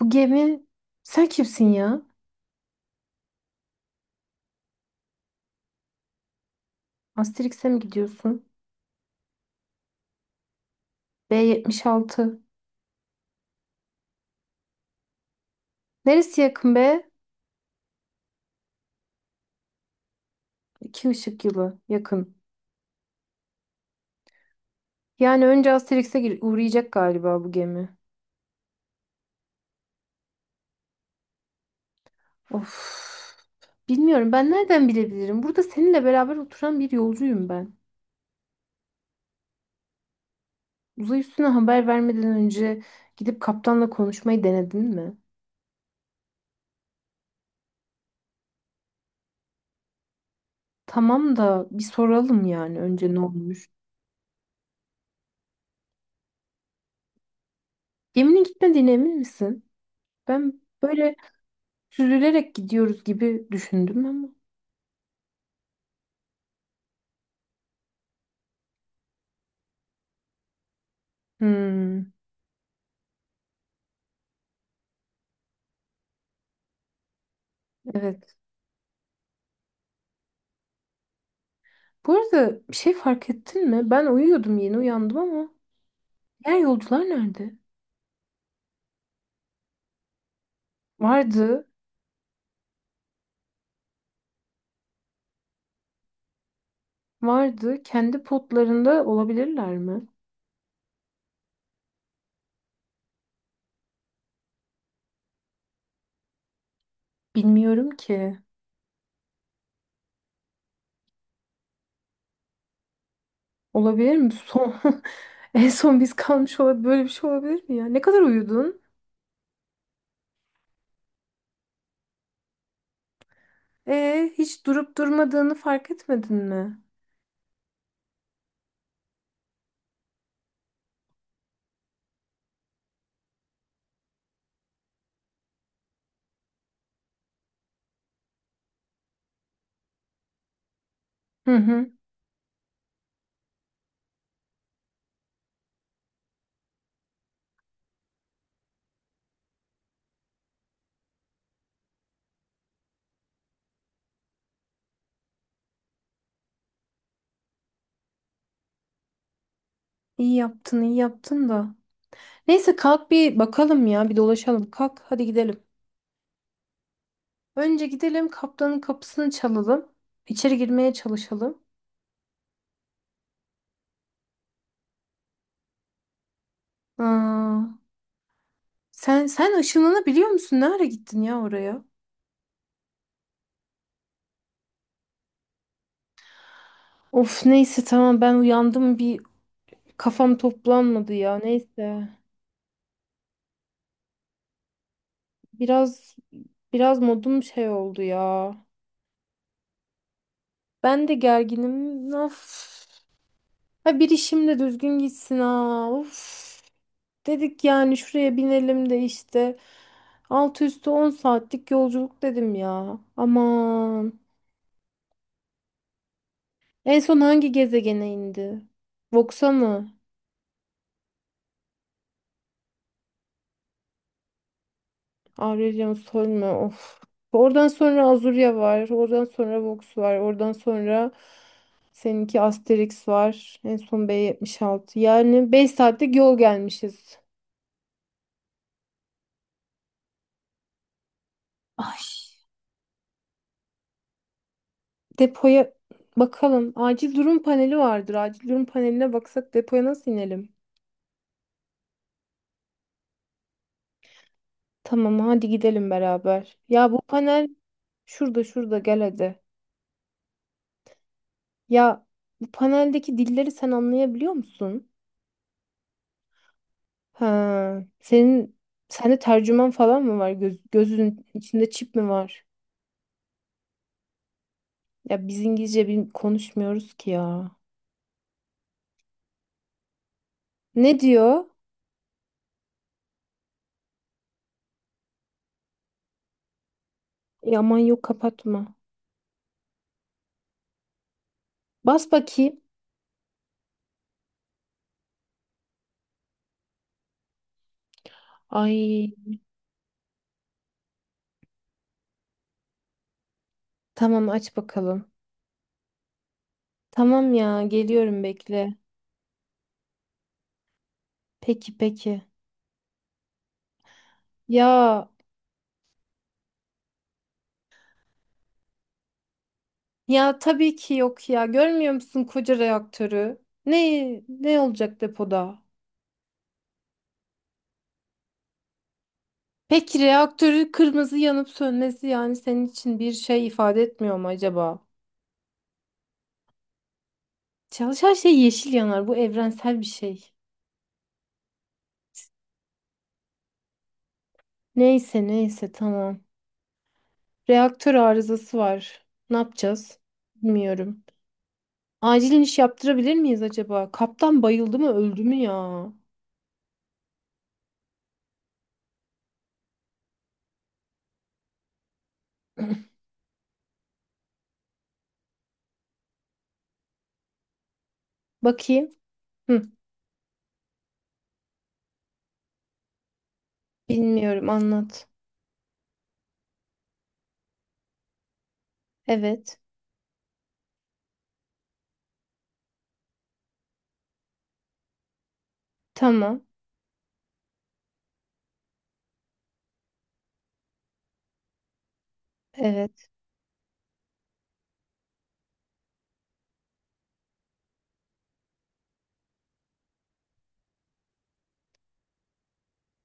Bu gemi sen kimsin ya? Asterix'e mi gidiyorsun? B76. Neresi yakın be? 2 ışık yılı yakın. Yani önce Asterix'e uğrayacak galiba bu gemi. Of. Bilmiyorum, ben nereden bilebilirim? Burada seninle beraber oturan bir yolcuyum ben. Uzay üstüne haber vermeden önce gidip kaptanla konuşmayı denedin mi? Tamam da bir soralım yani önce ne olmuş. Geminin gitmediğine emin misin? Ben böyle süzülerek gidiyoruz gibi düşündüm ama. Hmm, evet. Bu arada bir şey fark ettin mi? Ben uyuyordum, yeni uyandım ama diğer yolcular nerede? Vardı, vardı. Kendi potlarında olabilirler mi? Bilmiyorum ki. Olabilir mi? Son, en son biz kalmış olabilir. Böyle bir şey olabilir mi ya? Ne kadar uyudun? Hiç durup durmadığını fark etmedin mi? Hı hı. İyi yaptın, iyi yaptın da. Neyse, kalk bir bakalım ya, bir dolaşalım. Kalk, hadi gidelim. Önce gidelim kaptanın kapısını çalalım. İçeri girmeye çalışalım. Aa, sen ışınlanı biliyor musun? Ne ara gittin ya oraya? Of, neyse, tamam, ben uyandım, bir kafam toplanmadı ya, neyse. Biraz biraz modum şey oldu ya. Ben de gerginim. Of. Ha, bir işim de düzgün gitsin ha. Of. Dedik yani, şuraya binelim de işte. Altı üstü 10 saatlik yolculuk dedim ya. Aman. En son hangi gezegene indi? Voxa mı? Aurelion Sol mu? Of. Oradan sonra Azuria var. Oradan sonra Vox var. Oradan sonra seninki Asterix var. En son B76. Yani 5 saatlik yol gelmişiz. Ay, depoya bakalım. Acil durum paneli vardır. Acil durum paneline baksak depoya nasıl inelim? Tamam, hadi gidelim beraber. Ya bu panel şurada, şurada, gel hadi. Ya bu paneldeki dilleri sen anlayabiliyor musun? Ha, sende tercüman falan mı var? Gözünün içinde çip mi var? Ya biz İngilizce konuşmuyoruz ki ya. Ne diyor? Aman, yok, kapatma. Bas bakayım. Ay, tamam, aç bakalım. Tamam ya, geliyorum, bekle. Peki peki. Ya ya tabii ki yok ya. Görmüyor musun koca reaktörü? Ne olacak depoda? Peki reaktörü kırmızı yanıp sönmesi yani senin için bir şey ifade etmiyor mu acaba? Çalışan şey yeşil yanar. Bu evrensel bir şey. Neyse neyse, tamam. Reaktör arızası var. Ne yapacağız? Bilmiyorum. Acil iniş yaptırabilir miyiz acaba? Kaptan bayıldı mı, öldü mü ya? Bakayım. Hı, bilmiyorum, anlat. Evet. Tamam. Evet.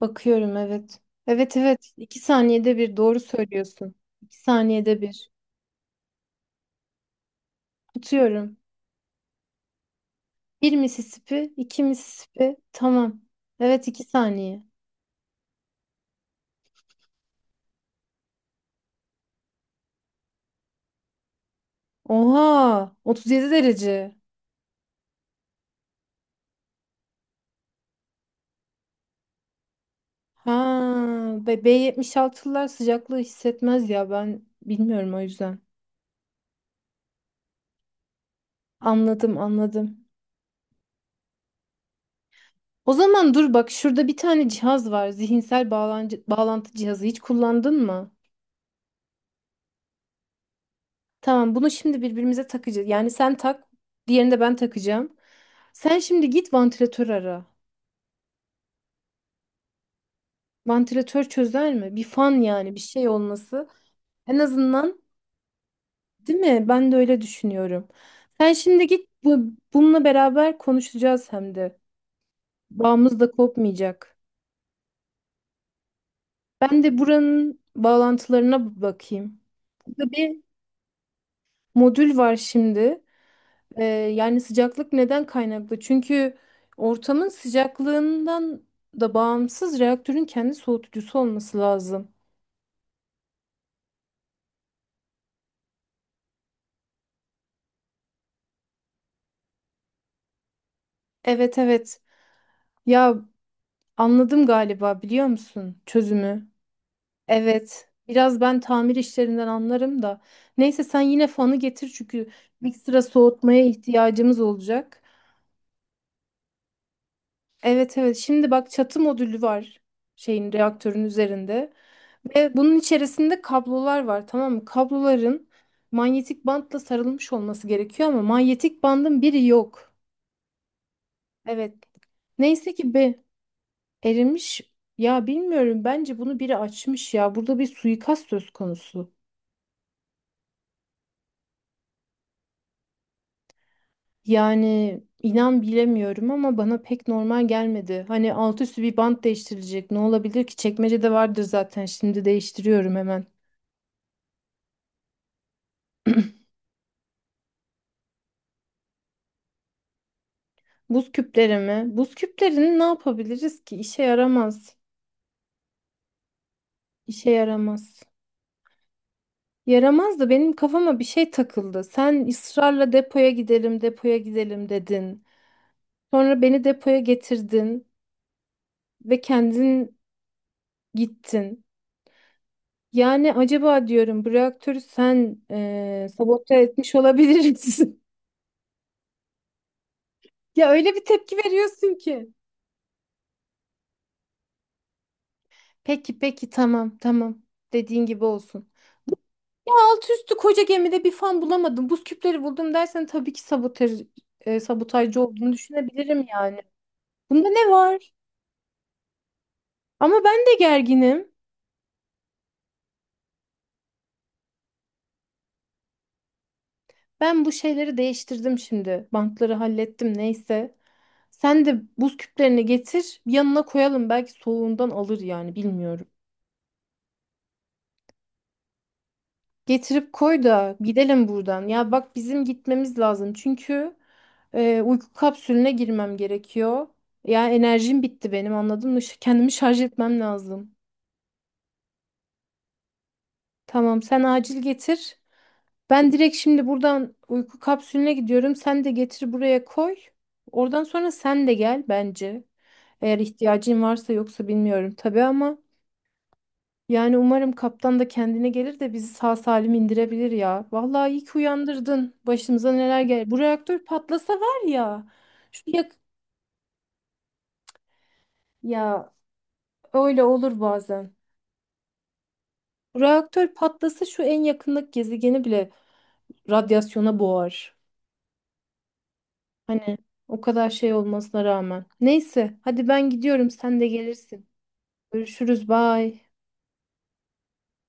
Bakıyorum, evet. Evet evet. 2 saniyede bir doğru söylüyorsun. 2 saniyede bir. Tutuyorum. Bir Mississippi, iki Mississippi. Tamam. Evet, iki saniye. Oha, 37 derece. Ha, B76'lılar sıcaklığı hissetmez ya, ben bilmiyorum o yüzden. Anladım, anladım. O zaman dur bak, şurada bir tane cihaz var. Zihinsel bağlantı, bağlantı cihazı. Hiç kullandın mı? Tamam, bunu şimdi birbirimize takacağız. Yani sen tak, diğerini de ben takacağım. Sen şimdi git, vantilatör ara. Vantilatör çözer mi? Bir fan yani, bir şey olması. En azından, değil mi? Ben de öyle düşünüyorum. Sen şimdi git bu, bununla beraber konuşacağız hem de. Bağımız da kopmayacak. Ben de buranın bağlantılarına bakayım. Burada bir modül var şimdi. Yani sıcaklık neden kaynaklı? Çünkü ortamın sıcaklığından da bağımsız reaktörün kendi soğutucusu olması lazım. Evet evet. Ya anladım galiba, biliyor musun çözümü? Evet. Biraz ben tamir işlerinden anlarım da. Neyse, sen yine fanı getir çünkü bir sıra soğutmaya ihtiyacımız olacak. Evet evet. Şimdi bak, çatı modülü var şeyin, reaktörün üzerinde, ve bunun içerisinde kablolar var, tamam mı? Kabloların manyetik bantla sarılmış olması gerekiyor ama manyetik bandın biri yok. Evet. Neyse ki be, erimiş. Ya bilmiyorum, bence bunu biri açmış ya. Burada bir suikast söz konusu. Yani inan bilemiyorum ama bana pek normal gelmedi. Hani alt üstü bir bant değiştirilecek. Ne olabilir ki? Çekmecede vardır zaten. Şimdi değiştiriyorum hemen. Buz küpleri mi? Buz küplerini ne yapabiliriz ki? İşe yaramaz. İşe yaramaz. Yaramaz da benim kafama bir şey takıldı. Sen ısrarla depoya gidelim, depoya gidelim dedin. Sonra beni depoya getirdin ve kendin gittin. Yani acaba diyorum, bu reaktörü sen sabote etmiş olabilir misin? Ya öyle bir tepki veriyorsun ki. Peki peki, tamam tamam, dediğin gibi olsun. Ya alt üstü koca gemide bir fan bulamadım, buz küpleri buldum dersen tabii ki sabotaj, sabotajcı olduğunu düşünebilirim yani. Bunda ne var? Ama ben de gerginim. Ben bu şeyleri değiştirdim şimdi. Bantları hallettim, neyse. Sen de buz küplerini getir, yanına koyalım, belki soğuğundan alır, yani bilmiyorum. Getirip koy da gidelim buradan. Ya bak, bizim gitmemiz lazım. Çünkü uyku kapsülüne girmem gerekiyor. Ya enerjim bitti benim, anladın mı? Kendimi şarj etmem lazım. Tamam, sen acil getir. Ben direkt şimdi buradan uyku kapsülüne gidiyorum. Sen de getir, buraya koy. Oradan sonra sen de gel bence. Eğer ihtiyacın varsa, yoksa bilmiyorum tabii ama. Yani umarım kaptan da kendine gelir de bizi sağ salim indirebilir ya. Vallahi iyi ki uyandırdın. Başımıza neler gel. Bu reaktör patlasa var ya. Şu yak Ya öyle olur bazen. Bu reaktör patlasa şu en yakındaki gezegeni bile radyasyona boğar. Hani o kadar şey olmasına rağmen. Neyse, hadi ben gidiyorum, sen de gelirsin. Görüşürüz, bye.